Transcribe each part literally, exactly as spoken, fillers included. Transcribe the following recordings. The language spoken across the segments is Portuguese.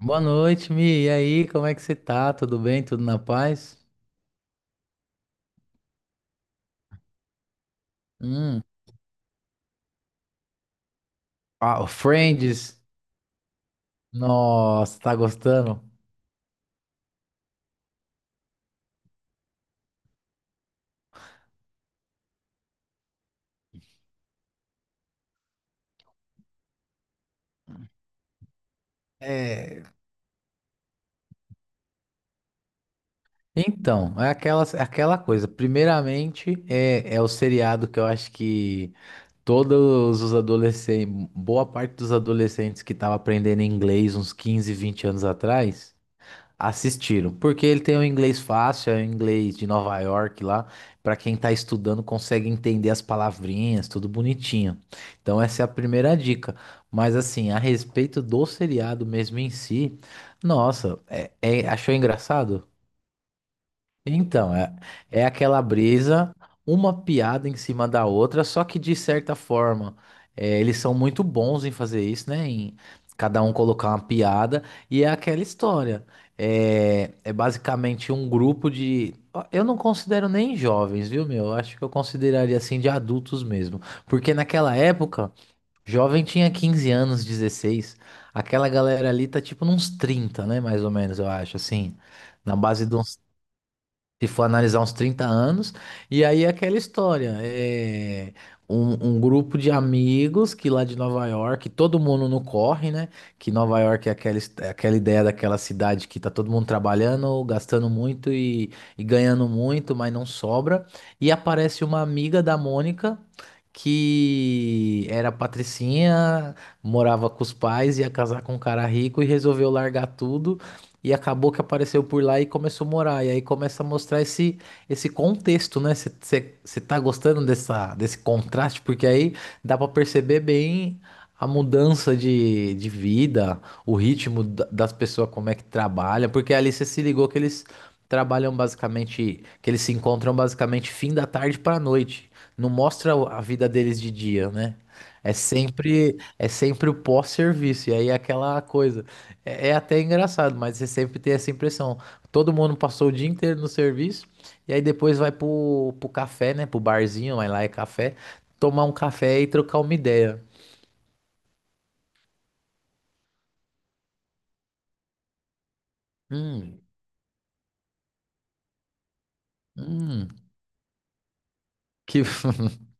Boa noite, Mi. E aí, como é que você tá? Tudo bem? Tudo na paz? Hum. Ah, o Friends. Nossa, tá gostando? É. Então, é aquela, é aquela coisa. Primeiramente, é, é o seriado que eu acho que todos os adolescentes, boa parte dos adolescentes que estavam aprendendo inglês uns quinze, vinte anos atrás, assistiram, porque ele tem um inglês fácil, é o inglês de Nova York lá. Pra quem tá estudando, consegue entender as palavrinhas, tudo bonitinho. Então, essa é a primeira dica. Mas, assim, a respeito do seriado mesmo em si, nossa, é, é- achou engraçado? Então, é, é aquela brisa, uma piada em cima da outra, só que de certa forma, é, eles são muito bons em fazer isso, né? Em cada um colocar uma piada, e é aquela história. É, é basicamente um grupo de. Ó, eu não considero nem jovens, viu, meu? Eu acho que eu consideraria assim de adultos mesmo. Porque naquela época, jovem tinha quinze anos, dezesseis. Aquela galera ali tá tipo nos trinta, né? Mais ou menos, eu acho, assim. Na base de uns, se for analisar, uns trinta anos. E aí é aquela história, é um, um grupo de amigos que lá de Nova York, todo mundo no corre, né? Que Nova York é aquela, his- é aquela ideia daquela cidade que tá todo mundo trabalhando, gastando muito e, e ganhando muito, mas não sobra. E aparece uma amiga da Mônica que era patricinha, morava com os pais, ia casar com um cara rico e resolveu largar tudo e acabou que apareceu por lá e começou a morar. E aí começa a mostrar esse, esse contexto, né? Você tá gostando dessa, desse contraste? Porque aí dá pra perceber bem a mudança de, de vida, o ritmo da- das pessoas, como é que trabalha. Porque ali você se ligou que eles trabalham basicamente, que eles se encontram basicamente fim da tarde pra noite. Não mostra a vida deles de dia, né? É sempre, é sempre o pós-serviço. E aí é aquela coisa. É, é até engraçado, mas você sempre tem essa impressão. Todo mundo passou o dia inteiro no serviço e aí depois vai pro, pro café, né? Pro barzinho, vai lá é café, tomar um café e trocar uma ideia. Hum, hum, que.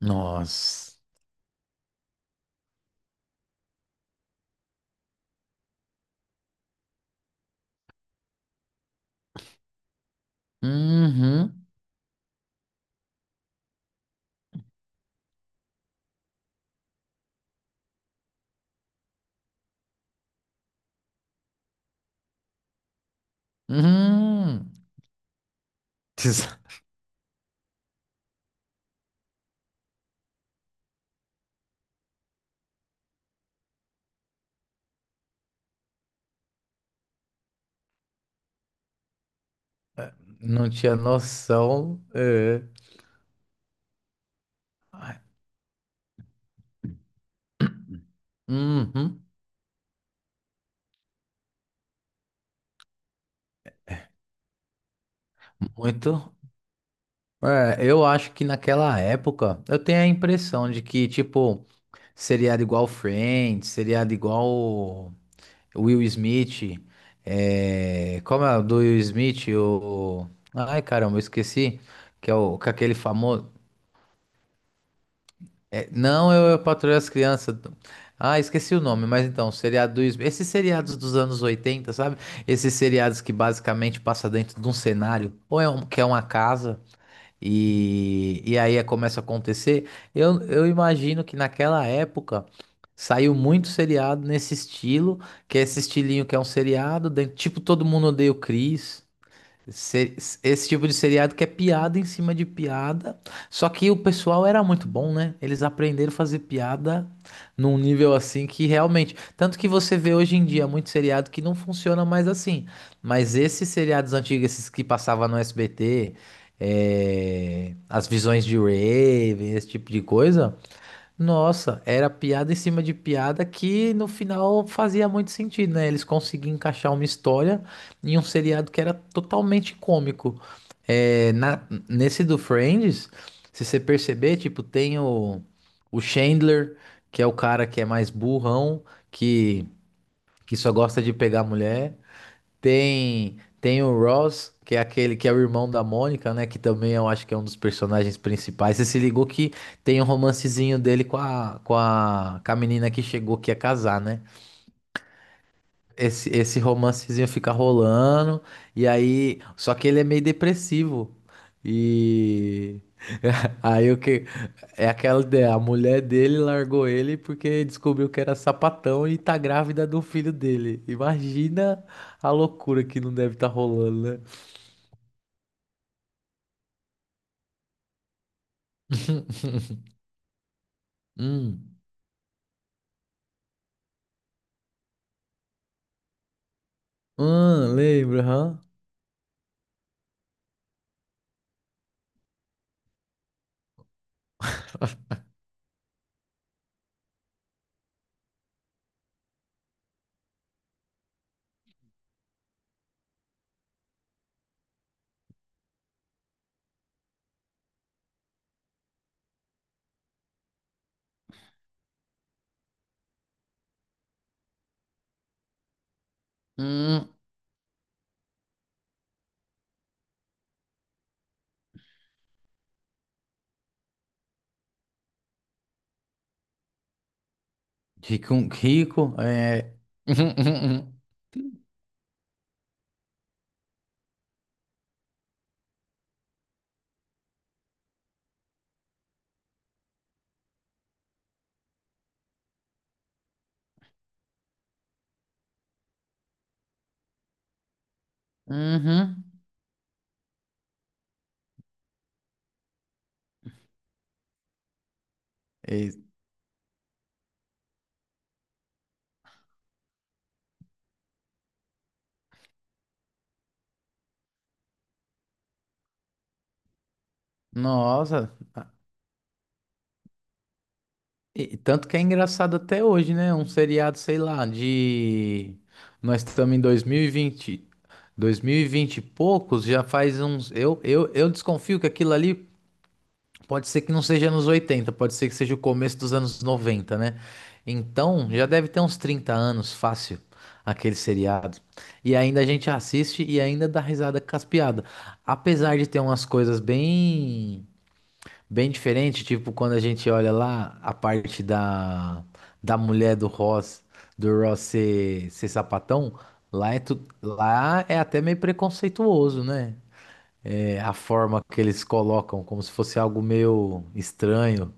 Nossa. Uhum, uhum. Não tinha noção. É. Uhum, muito. É, eu acho que naquela época eu tenho a impressão de que, tipo. Seriado igual Friends, seriado igual Will Smith. É. Como é o do Will Smith? O. Ai, caramba, eu esqueci. Que é o, com aquele famoso. é, Não, eu, eu patroei as crianças. Ah, esqueci o nome, mas então, o seriado do Will Smith. Esses seriados dos anos oitenta, sabe? Esses seriados que basicamente passa dentro de um cenário, ou é um, que é uma casa, e, e aí começa a acontecer. Eu, eu imagino que naquela época saiu muito seriado nesse estilo, que é esse estilinho que é um seriado, de- tipo Todo Mundo Odeia o Chris. Se- Esse tipo de seriado que é piada em cima de piada. Só que o pessoal era muito bom, né? Eles aprenderam a fazer piada num nível assim que realmente. Tanto que você vê hoje em dia muito seriado que não funciona mais assim. Mas esses seriados antigos, esses que passavam no S B T, eh, as visões de Raven, esse tipo de coisa. Nossa, era piada em cima de piada que no final fazia muito sentido, né? Eles conseguiam encaixar uma história em um seriado que era totalmente cômico. É, na- nesse do Friends, se você perceber, tipo, tem o, o Chandler, que, é o cara que é mais burrão, que, que só gosta de pegar mulher. Tem, tem o Ross, que é aquele que é o irmão da Mônica, né? Que também eu acho que é um dos personagens principais. Você se ligou que tem um romancezinho dele com a, com a, com a menina que chegou que ia casar, né? Esse, esse romancezinho fica rolando, e aí. Só que ele é meio depressivo. E. Aí o que. É aquela ideia, a mulher dele largou ele porque descobriu que era sapatão e tá grávida do filho dele. Imagina a loucura que não deve estar rolando, né? Hum. Hum, lembro, hã? Hum. Rico, rico, é. Uhum. Ex- Nossa. E- tanto que é engraçado até hoje, né? Um seriado, sei lá, de. Nós estamos em dois mil e vinte. dois mil e vinte e vinte. Dois mil e vinte e poucos, já faz uns. Eu, eu, eu desconfio que aquilo ali pode ser que não seja anos oitenta, pode ser que seja o começo dos anos noventa, né? Então, já deve ter uns trinta anos, fácil, aquele seriado. E ainda a gente assiste e ainda dá risada com as piadas. Apesar de ter umas coisas bem. Bem diferente, tipo, quando a gente olha lá a parte da, da mulher do Ross, do Ross ser, ser sapatão, lá é, tu, lá é até meio preconceituoso, né? É, a forma que eles colocam, como se fosse algo meio estranho.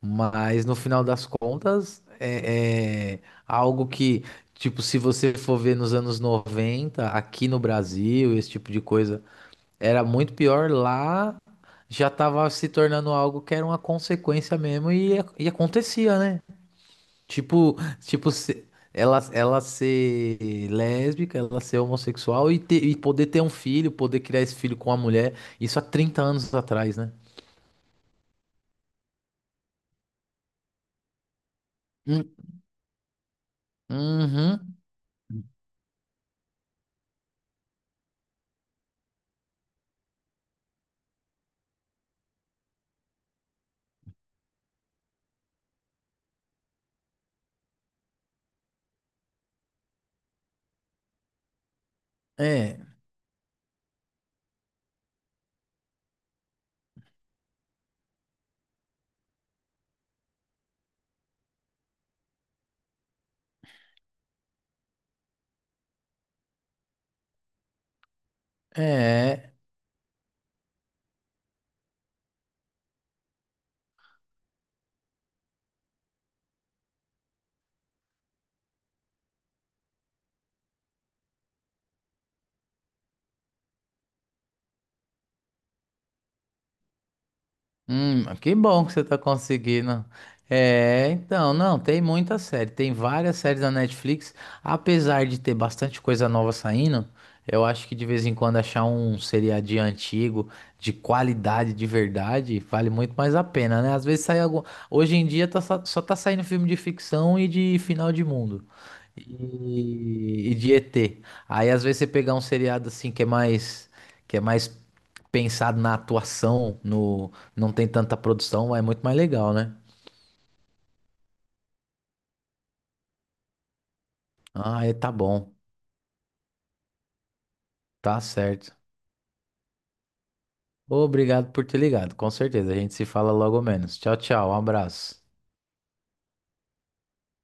Mas no final das contas, é, é algo que, tipo, se você for ver nos anos noventa aqui no Brasil, esse tipo de coisa, era muito pior lá. Já tava se tornando algo que era uma consequência mesmo e, e acontecia, né? Tipo, tipo, se- ela, ela ser lésbica, ela ser homossexual e, ter, e poder ter um filho, poder criar esse filho com uma mulher, isso há trinta anos atrás, né? Hum, Uhum. É, é. Hum, que bom que você tá conseguindo. É, então, não, tem muita série, tem várias séries da Netflix, apesar de ter bastante coisa nova saindo, eu acho que de vez em quando achar um seriadinho antigo, de qualidade, de verdade, vale muito mais a pena, né? Às vezes sai algum. Hoje em dia tá, só só tá saindo filme de ficção e de final de mundo e, e de E T. Aí às vezes você pegar um seriado assim que é mais que é mais pensado na atuação, no não tem tanta produção, é muito mais legal, né? Ah, é, tá bom, tá certo. Obrigado por ter ligado, com certeza. A gente se fala logo menos. Tchau, tchau, um abraço.